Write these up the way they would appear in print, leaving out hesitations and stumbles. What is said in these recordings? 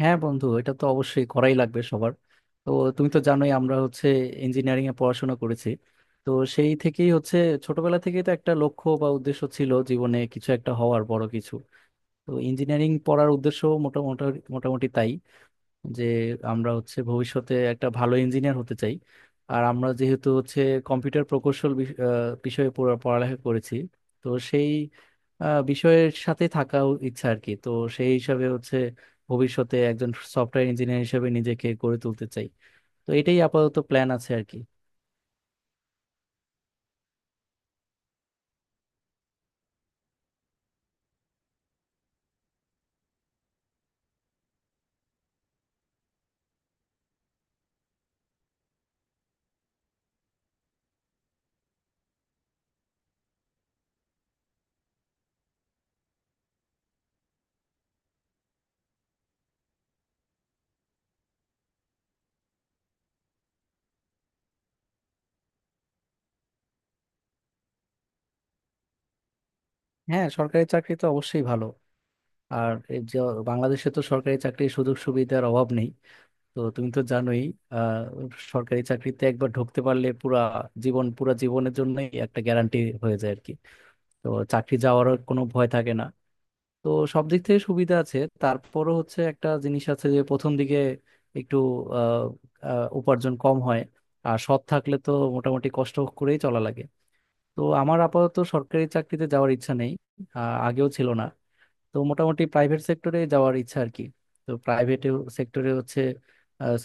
হ্যাঁ বন্ধু, এটা তো অবশ্যই করাই লাগবে সবার। তো তুমি তো জানোই, আমরা হচ্ছে ইঞ্জিনিয়ারিং এ পড়াশোনা করেছি। তো সেই থেকেই হচ্ছে ছোটবেলা থেকেই তো একটা লক্ষ্য বা উদ্দেশ্য ছিল জীবনে, কিছু একটা হওয়ার, বড় কিছু। তো ইঞ্জিনিয়ারিং পড়ার উদ্দেশ্য মোটামুটি মোটামুটি তাই, যে আমরা হচ্ছে ভবিষ্যতে একটা ভালো ইঞ্জিনিয়ার হতে চাই। আর আমরা যেহেতু হচ্ছে কম্পিউটার প্রকৌশল বিষয়ে পুরো পড়ালেখা করেছি। তো সেই বিষয়ের সাথে থাকা ইচ্ছা আর কি। তো সেই হিসাবে হচ্ছে ভবিষ্যতে একজন সফটওয়্যার ইঞ্জিনিয়ার হিসেবে নিজেকে গড়ে তুলতে চাই। তো এটাই আপাতত প্ল্যান আছে আর কি। হ্যাঁ, সরকারি চাকরি তো অবশ্যই ভালো। আর এই যে বাংলাদেশে তো সরকারি চাকরির সুযোগ সুবিধার অভাব নেই। তো তুমি তো জানোই, আহ সরকারি চাকরিতে একবার ঢুকতে পারলে পুরা জীবনের জন্যই একটা গ্যারান্টি হয়ে যায় আর কি। তো চাকরি যাওয়ার কোনো ভয় থাকে না। তো সব দিক থেকে সুবিধা আছে, তারপরও হচ্ছে একটা জিনিস আছে যে প্রথম দিকে একটু আহ আহ, উপার্জন কম হয়। আর সৎ থাকলে তো মোটামুটি কষ্ট করেই চলা লাগে। তো আমার আপাতত সরকারি চাকরিতে যাওয়ার ইচ্ছা নেই, আগেও ছিল না। তো মোটামুটি প্রাইভেট সেক্টরে যাওয়ার ইচ্ছা আর কি। তো প্রাইভেট সেক্টরে হচ্ছে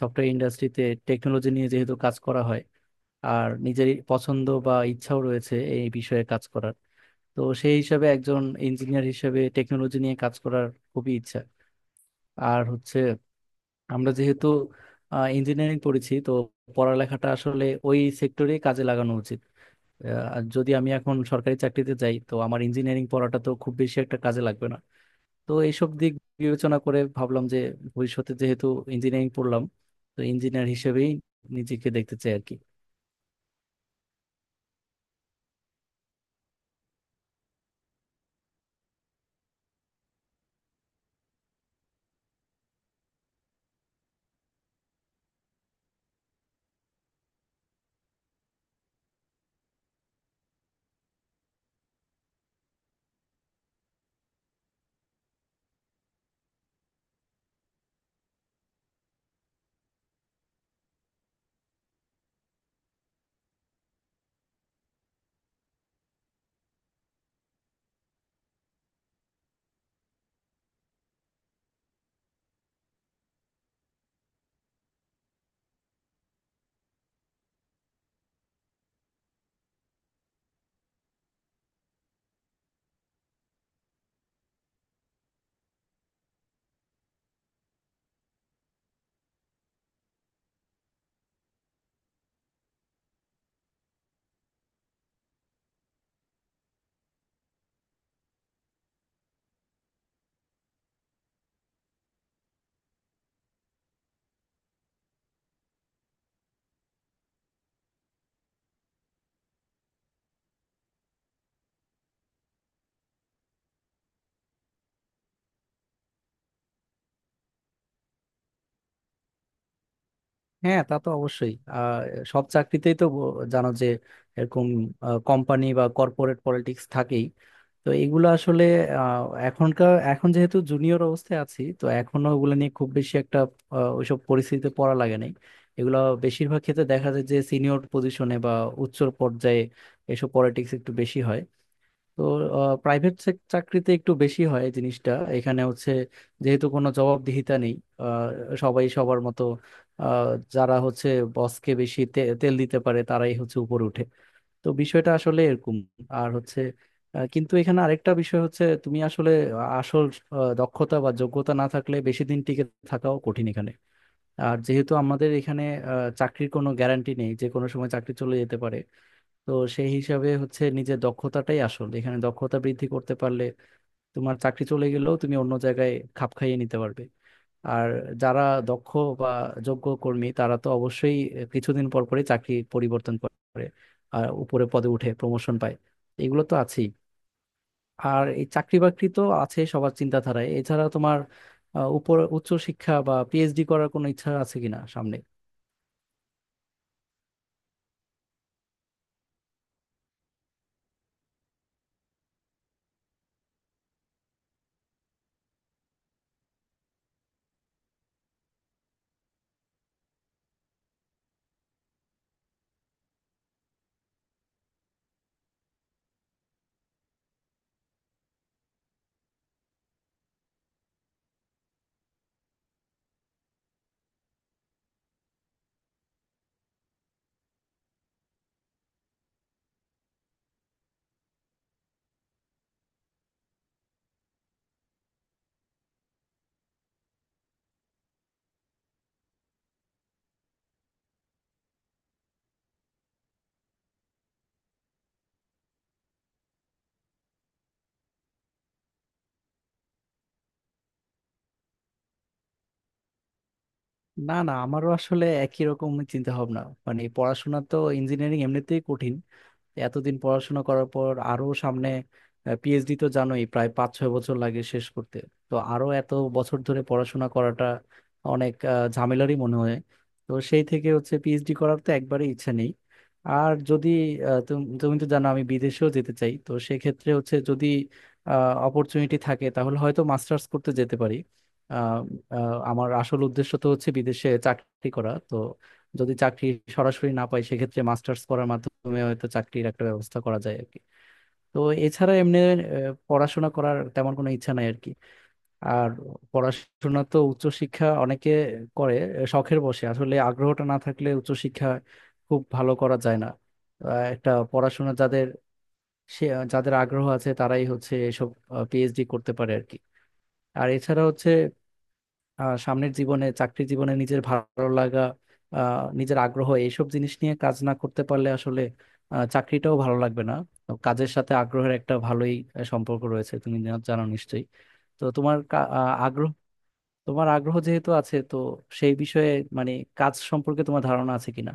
সফটওয়্যার ইন্ডাস্ট্রিতে টেকনোলজি নিয়ে যেহেতু কাজ করা হয়, আর নিজের পছন্দ বা ইচ্ছাও রয়েছে এই বিষয়ে কাজ করার। তো সেই হিসাবে একজন ইঞ্জিনিয়ার হিসেবে টেকনোলজি নিয়ে কাজ করার খুবই ইচ্ছা। আর হচ্ছে আমরা যেহেতু ইঞ্জিনিয়ারিং পড়েছি তো পড়ালেখাটা আসলে ওই সেক্টরেই কাজে লাগানো উচিত। আর যদি আমি এখন সরকারি চাকরিতে যাই তো আমার ইঞ্জিনিয়ারিং পড়াটা তো খুব বেশি একটা কাজে লাগবে না। তো এইসব দিক বিবেচনা করে ভাবলাম যে ভবিষ্যতে যেহেতু ইঞ্জিনিয়ারিং পড়লাম তো ইঞ্জিনিয়ার হিসেবেই নিজেকে দেখতে চাই আর কি। হ্যাঁ, তা তো অবশ্যই। সব চাকরিতেই তো জানো যে এরকম কোম্পানি বা কর্পোরেট পলিটিক্স থাকেই। তো এগুলো আসলে আহ, এখন যেহেতু জুনিয়র অবস্থায় আছি তো এখনো ওগুলো নিয়ে খুব বেশি একটা ওইসব পরিস্থিতিতে পড়া লাগে নাই। এগুলো বেশিরভাগ ক্ষেত্রে দেখা যায় যে সিনিয়র পজিশনে বা উচ্চ পর্যায়ে এসব পলিটিক্স একটু বেশি হয়। তো প্রাইভেট চাকরিতে একটু বেশি হয় এই জিনিসটা। এখানে হচ্ছে যেহেতু কোনো জবাবদিহিতা নেই, সবাই সবার মতো। আহ, যারা হচ্ছে বসকে বেশি তেল দিতে পারে তারাই হচ্ছে উপরে ওঠে। তো বিষয়টা আসলে এরকম। আর হচ্ছে কিন্তু এখানে আরেকটা বিষয় হচ্ছে তুমি আসলে আসল দক্ষতা বা যোগ্যতা না থাকলে বেশি দিন টিকে থাকাও কঠিন এখানে। আর যেহেতু আমাদের এখানে চাকরির কোনো গ্যারান্টি নেই, যে কোনো সময় চাকরি চলে যেতে পারে। তো সেই হিসাবে হচ্ছে নিজের দক্ষতাটাই আসল, এখানে দক্ষতা বৃদ্ধি করতে পারলে তোমার চাকরি চলে গেলেও তুমি অন্য জায়গায় খাপ খাইয়ে নিতে পারবে। আর যারা দক্ষ বা যোগ্য কর্মী তারা তো অবশ্যই কিছুদিন পর পরে চাকরি পরিবর্তন করে আর উপরে পদে উঠে প্রমোশন পায়, এগুলো তো আছেই। আর এই চাকরি বাকরি তো আছে সবার চিন্তাধারায়। এছাড়া তোমার উপর উচ্চ শিক্ষা বা পিএইচডি করার কোনো ইচ্ছা আছে কিনা সামনে? না না, আমারও আসলে একই রকম চিন্তা ভাবনা। মানে পড়াশোনা তো ইঞ্জিনিয়ারিং এমনিতেই কঠিন, এতদিন পড়াশোনা করার পর আরো সামনে পিএইচডি তো জানোই প্রায় 5-6 বছর লাগে শেষ করতে। তো আরো এত বছর ধরে পড়াশোনা করাটা অনেক ঝামেলারই মনে হয়। তো সেই থেকে হচ্ছে পিএইচডি করার তো একবারই ইচ্ছা নেই। আর যদি তুমি তো জানো আমি বিদেশেও যেতে চাই। তো সেক্ষেত্রে হচ্ছে যদি অপরচুনিটি থাকে তাহলে হয়তো মাস্টার্স করতে যেতে পারি। আহ, আমার আসল উদ্দেশ্য তো হচ্ছে বিদেশে চাকরি করা। তো যদি চাকরি সরাসরি না পাই সেক্ষেত্রে মাস্টার্স করার মাধ্যমে হয়তো চাকরির একটা ব্যবস্থা করা যায় আর কি। তো এছাড়া এমনি পড়াশোনা করার তেমন কোনো ইচ্ছা নাই আর কি। আর পড়াশোনা তো উচ্চশিক্ষা অনেকে করে শখের বসে, আসলে আগ্রহটা না থাকলে উচ্চশিক্ষা খুব ভালো করা যায় না। একটা পড়াশোনা যাদের, সে যাদের আগ্রহ আছে তারাই হচ্ছে এসব পিএইচডি করতে পারে আর কি। আর এছাড়া হচ্ছে সামনের জীবনে চাকরি জীবনে নিজের ভালো লাগা, নিজের আগ্রহ এইসব জিনিস নিয়ে কাজ না করতে পারলে আসলে চাকরিটাও ভালো লাগবে না। তো কাজের সাথে আগ্রহের একটা ভালোই সম্পর্ক রয়েছে, তুমি জানো নিশ্চয়ই। তো তোমার আগ্রহ, তোমার আগ্রহ যেহেতু আছে, তো সেই বিষয়ে মানে কাজ সম্পর্কে তোমার ধারণা আছে কিনা?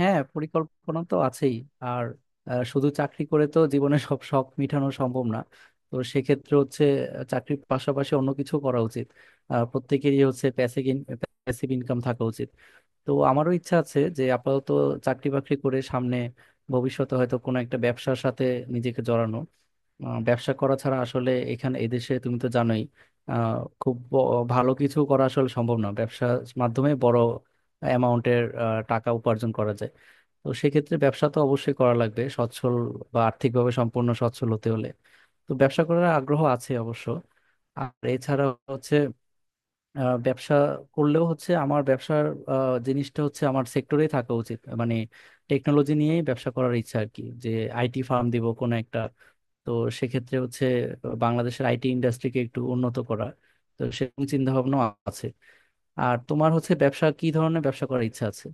হ্যাঁ, পরিকল্পনা তো আছেই। আর শুধু চাকরি করে তো জীবনে সব শখ মিটানো সম্ভব না। তো সেক্ষেত্রে হচ্ছে চাকরির পাশাপাশি অন্য কিছু করা উচিত। প্রত্যেকেরই হচ্ছে প্যাসিভ প্যাসিভ ইনকাম থাকা উচিত। তো আমারও ইচ্ছা আছে যে আপাতত চাকরি বাকরি করে সামনে ভবিষ্যতে হয়তো কোনো একটা ব্যবসার সাথে নিজেকে জড়ানো। ব্যবসা করা ছাড়া আসলে এখানে এদেশে তুমি তো জানোই আহ, খুব ভালো কিছু করা আসলে সম্ভব না। ব্যবসার মাধ্যমে বড় অ্যামাউন্টের টাকা উপার্জন করা যায়। তো সেক্ষেত্রে ব্যবসা তো অবশ্যই করা লাগবে, সচ্ছল বা আর্থিকভাবে সম্পূর্ণ সচ্ছল হতে হলে। তো ব্যবসা করার আগ্রহ আছে অবশ্য। আর এছাড়া হচ্ছে ব্যবসা করলেও হচ্ছে আমার ব্যবসার জিনিসটা হচ্ছে আমার সেক্টরেই থাকা উচিত, মানে টেকনোলজি নিয়েই ব্যবসা করার ইচ্ছা আর কি, যে আইটি ফার্ম দিব কোনো একটা। তো সেক্ষেত্রে হচ্ছে বাংলাদেশের আইটি ইন্ডাস্ট্রিকে একটু উন্নত করা, তো সেরকম চিন্তা ভাবনা আছে। আর তোমার হচ্ছে ব্যবসা, কি ধরনের ব্যবসা করার ইচ্ছা আছে?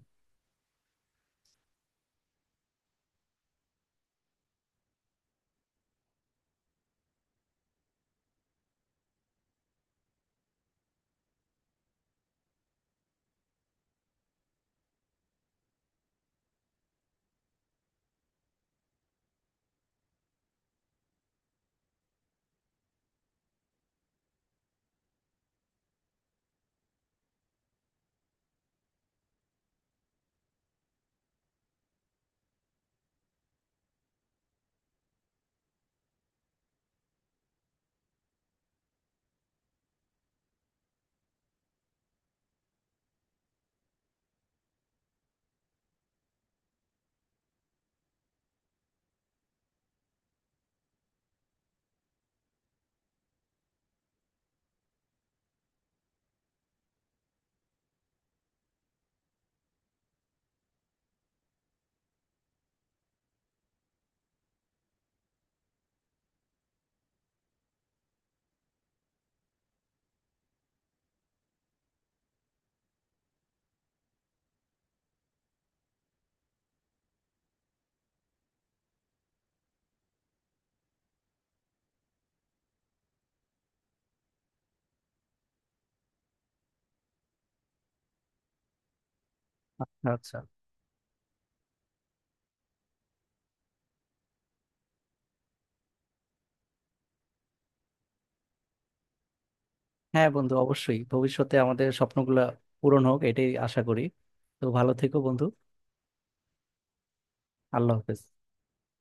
আচ্ছা আচ্ছা। হ্যাঁ বন্ধু, অবশ্যই ভবিষ্যতে আমাদের স্বপ্নগুলা পূরণ হোক এটাই আশা করি। তো ভালো থেকো বন্ধু। আল্লাহ হাফেজ।